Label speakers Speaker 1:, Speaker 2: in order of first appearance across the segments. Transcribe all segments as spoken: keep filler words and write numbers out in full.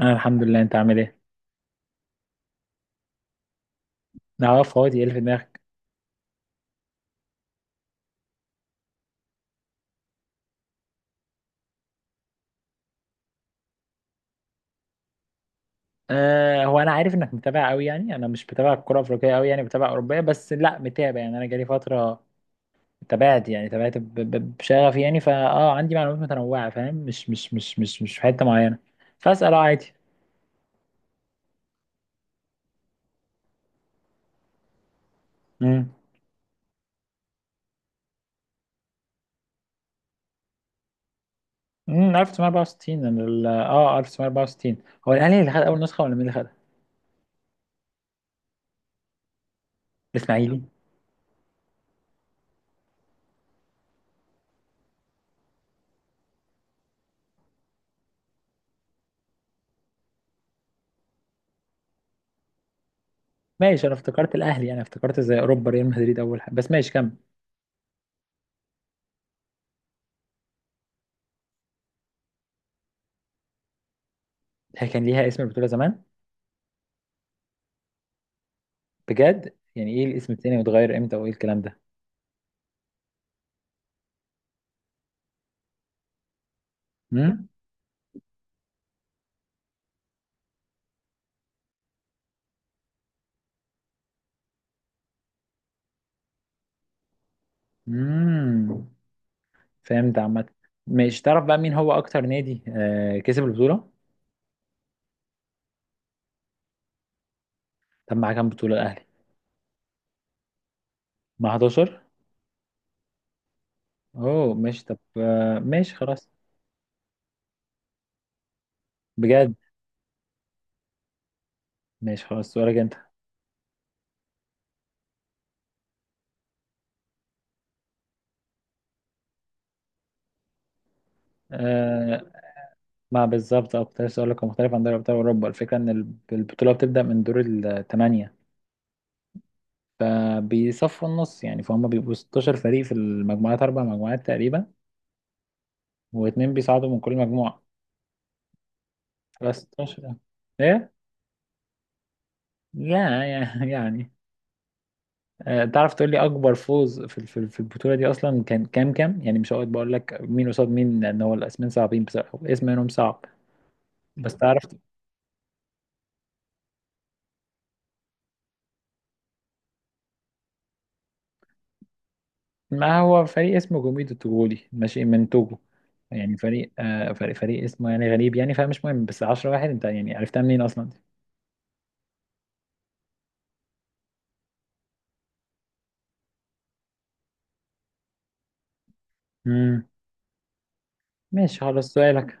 Speaker 1: انا الحمد لله. انت عامل ايه؟ نعرف هو ايه اللي في دماغك. آه هو انا عارف انك متابع قوي، يعني انا مش بتابع الكره الافريقيه قوي، يعني بتابع اوروبيه، بس لا متابع. يعني انا جالي فتره تابعت، يعني تابعت ب- ب- بشغف. يعني فا اه عندي معلومات متنوعه، فاهم؟ مش مش مش مش مش في حته معينه. فاسال، اه عادي. امم امم ألف وتسعمية واربعة وستين. أنا ال- اه ألف وتسعمية واربعة وستين. هو الاهلي اللي خد اول نسخه، ولا مين اللي خدها؟ الاسماعيلي؟ ماشي، انا افتكرت الاهلي. يعني افتكرت زي اوروبا، ريال مدريد اول حاجه. بس ماشي، كمل. هي كان ليها اسم، البطوله زمان؟ بجد؟ يعني ايه الاسم التاني، واتغير امتى، وايه الكلام ده؟ امم امم. فهمت عامة. مش تعرف بقى مين هو اكتر نادي آه كسب البطولة؟ طب مع كام بطولة الاهلي؟ مع احد عشر؟ اوه ماشي. طب آه ماشي، خلاص. بجد؟ ماشي خلاص، سؤالك انت. آه ما بالظبط، اه كنت لسه اقول لك هو مختلف عن دوري ابطال اوروبا. الفكرة ان ال- البطولة بتبدأ من دور الثمانية، فبيصفوا النص. يعني فهم بيبقوا ستة عشر فريق في المجموعات، اربع مجموعات تقريبا، واثنين بيصعدوا من كل مجموعة. خمستاشر. ايه؟ يا يا يعني. آه، تعرف تقول لي اكبر فوز في في في البطوله دي اصلا كان كام كام؟ يعني مش هقعد بقول لك مين قصاد مين، لان هو الاسمين صعبين بصراحه، اسم منهم صعب. بس تعرف؟ ما هو فريق اسمه جوميدو التوغولي، ماشي، من توجو. يعني فريق، آه فريق، فريق اسمه يعني غريب، يعني فمش مهم. بس عشرة واحد، انت يعني عرفتها منين اصلا دي؟ امم. ماشي خلاص، سؤالك.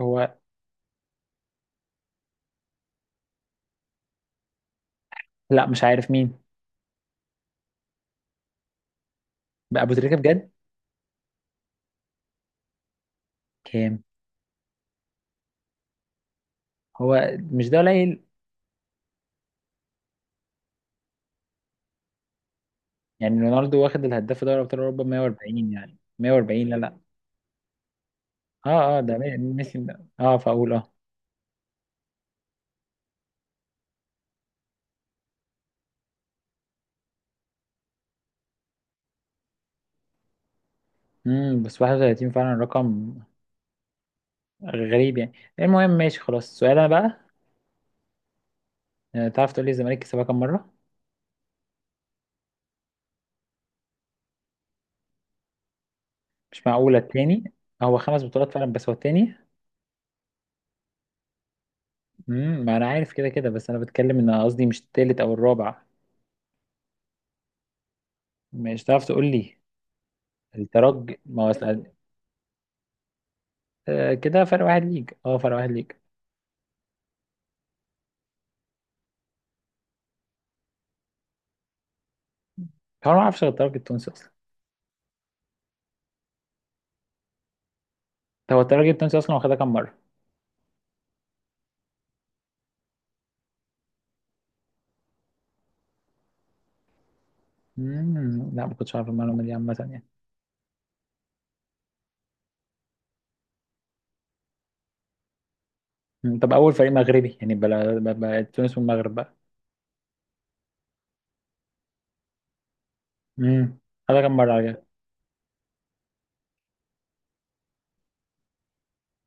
Speaker 1: هو لا، مش عارف مين. بقى ابو تريكه؟ بجد؟ كام؟ هو مش ده قليل؟ يعني رونالدو واخد الهداف دوري ابطال اوروبا مية واربعين. يعني مية واربعين، لا لا. اه اه، ده مي- ميسي ده. اه فاقول اه امم. بس واحد وتلاتين فعلا رقم غريب يعني. المهم، ماشي خلاص، السؤال انا بقى. آه، تعرف تقول لي الزمالك كسبها كام مره؟ مش معقوله التاني! هو خمس بطولات فعلا، بس هو التاني؟ امم، ما انا عارف كده كده، بس انا بتكلم ان قصدي مش التالت او الرابع. مش تعرف تقول لي؟ الترجي. ما هو أصل- آه كده فرق واحد ليج. اه فرق واحد ليج. هو أنا ما اعرفش غير الترجي التونسي اصلا. هو الترجي التونسي اصلا واخدها كام مره؟ مم، لا ما كنتش عارف المعلومة دي عامة يعني. مم. طب أول فريق مغربي؟ يعني بلا ب- ب- تونس والمغرب بقى. مم. هذا كم مرة عليك؟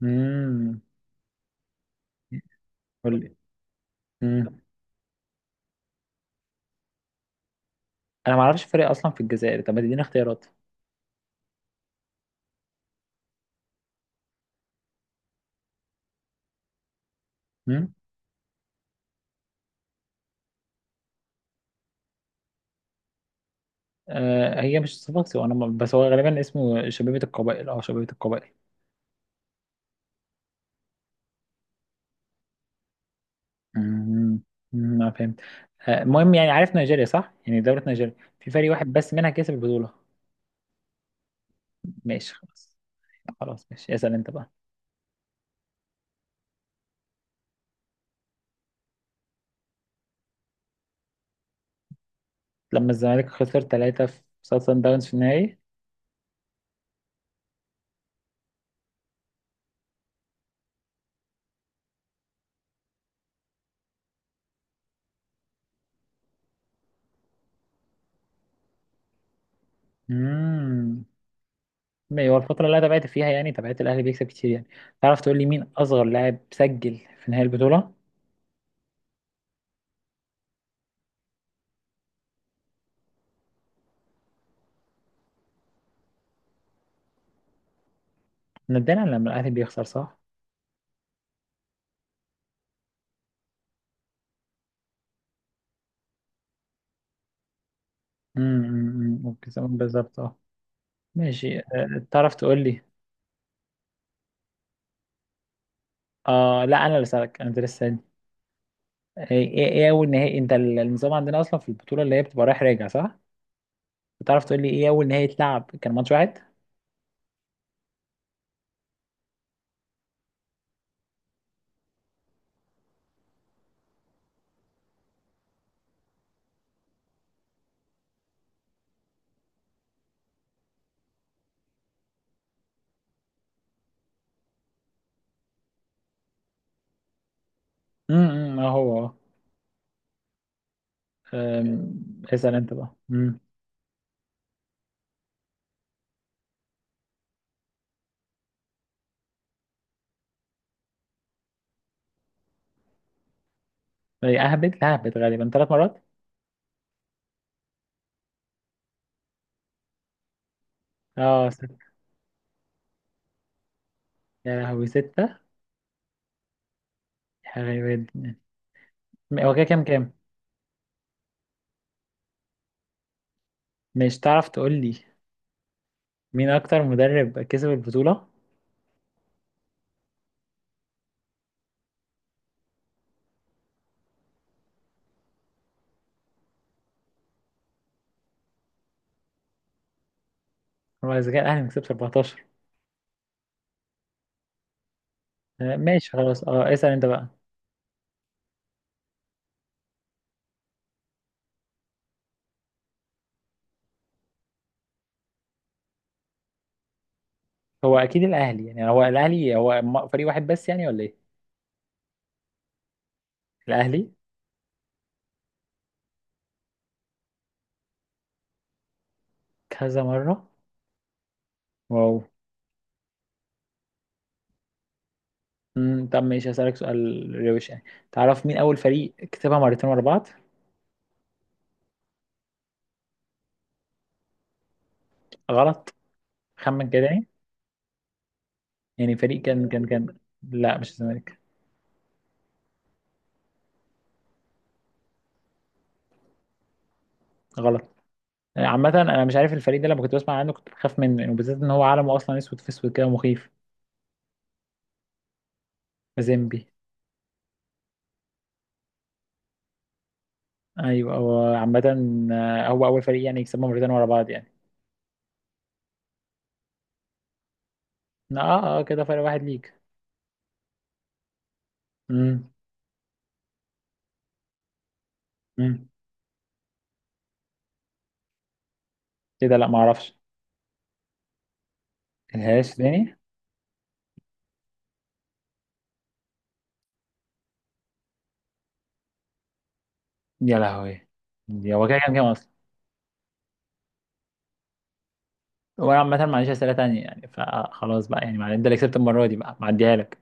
Speaker 1: مم. قول لي. مم. أنا ما أعرفش فريق أصلا في الجزائر. طب ما تديني اختيارات؟ مم. آه، هي مش صفاقسي. وأنا ما- بس هو غالبا اسمه شبيبة القبائل أو شبيبة القبائل. مم. مم. أنا فهمت. آه، المهم، يعني عارف نيجيريا، صح؟ يعني دولة نيجيريا في فريق واحد بس منها كسب البطولة. ماشي خلاص. خلاص ماشي، اسأل أنت بقى. لما الزمالك خسر ثلاثة في سان داونز في النهائي. امم. هو الفترة اللي أنا تابعت فيها يعني تابعت الأهلي بيكسب كتير يعني. تعرف تقول لي مين أصغر لاعب سجل في نهاية البطولة؟ نادرا لما الأهلي بيخسر، صح؟ امم، ممكن يسمون بالظبط اه ماشي. آه، تعرف تقول لي؟ آه لا، أنا اللي سألك، أنا اللي لسه سألني. آه، إيه إيه أول نهائي؟ أنت ال- النظام عندنا أصلا في البطولة اللي هي بتبقى رايح راجع، صح؟ تعرف تقول لي إيه أول نهائي اتلعب كان ماتش واحد؟ امم. اه هو آه. آم، اسأل أنت بقى. امم. إيه، أهبد، لا أهبد، غالبا ثلاث مرات؟ اه ست؟ يا لهوي، ستة! غريبة جدا. هو كده كام كام؟ مش تعرف تقول لي مين اكتر مدرب كسب البطولة؟ هو اذا كان الاهلي مكسب اربعة عشر. آه، ماشي خلاص. اه اسأل انت بقى. هو اكيد الاهلي. يعني هو الاهلي، هو م- فريق واحد بس يعني، ولا ايه؟ الاهلي. كذا مرة؟ واو. مم. طب ماشي، هسألك سؤال روش يعني. تعرف مين اول فريق كسبها مرتين ورا بعض؟ غلط. خمن كده يعني. يعني فريق كان كان كان. لا، مش الزمالك. غلط. عامة انا مش عارف الفريق ده، لما كنت بسمع عنه كنت بخاف منه، وبالذات ان هو علمه اصلا اسود في اسود كده، مخيف. مازيمبي. ايوه، هو عامة آه، هو اول فريق يعني يكسبه مرتين ورا بعض يعني. اه اه. آه، كده فرق واحد ليك. امم امم. كده لا، ما اعرفش. الهاش تاني؟ يا لهوي. يا هو كده كام كام اصلا؟ وانا عامة ما عنديش اسئلة تانية يعني، فخلاص بقى يعني. مع- انت اللي كسبت المرة دي بقى، معديها لك.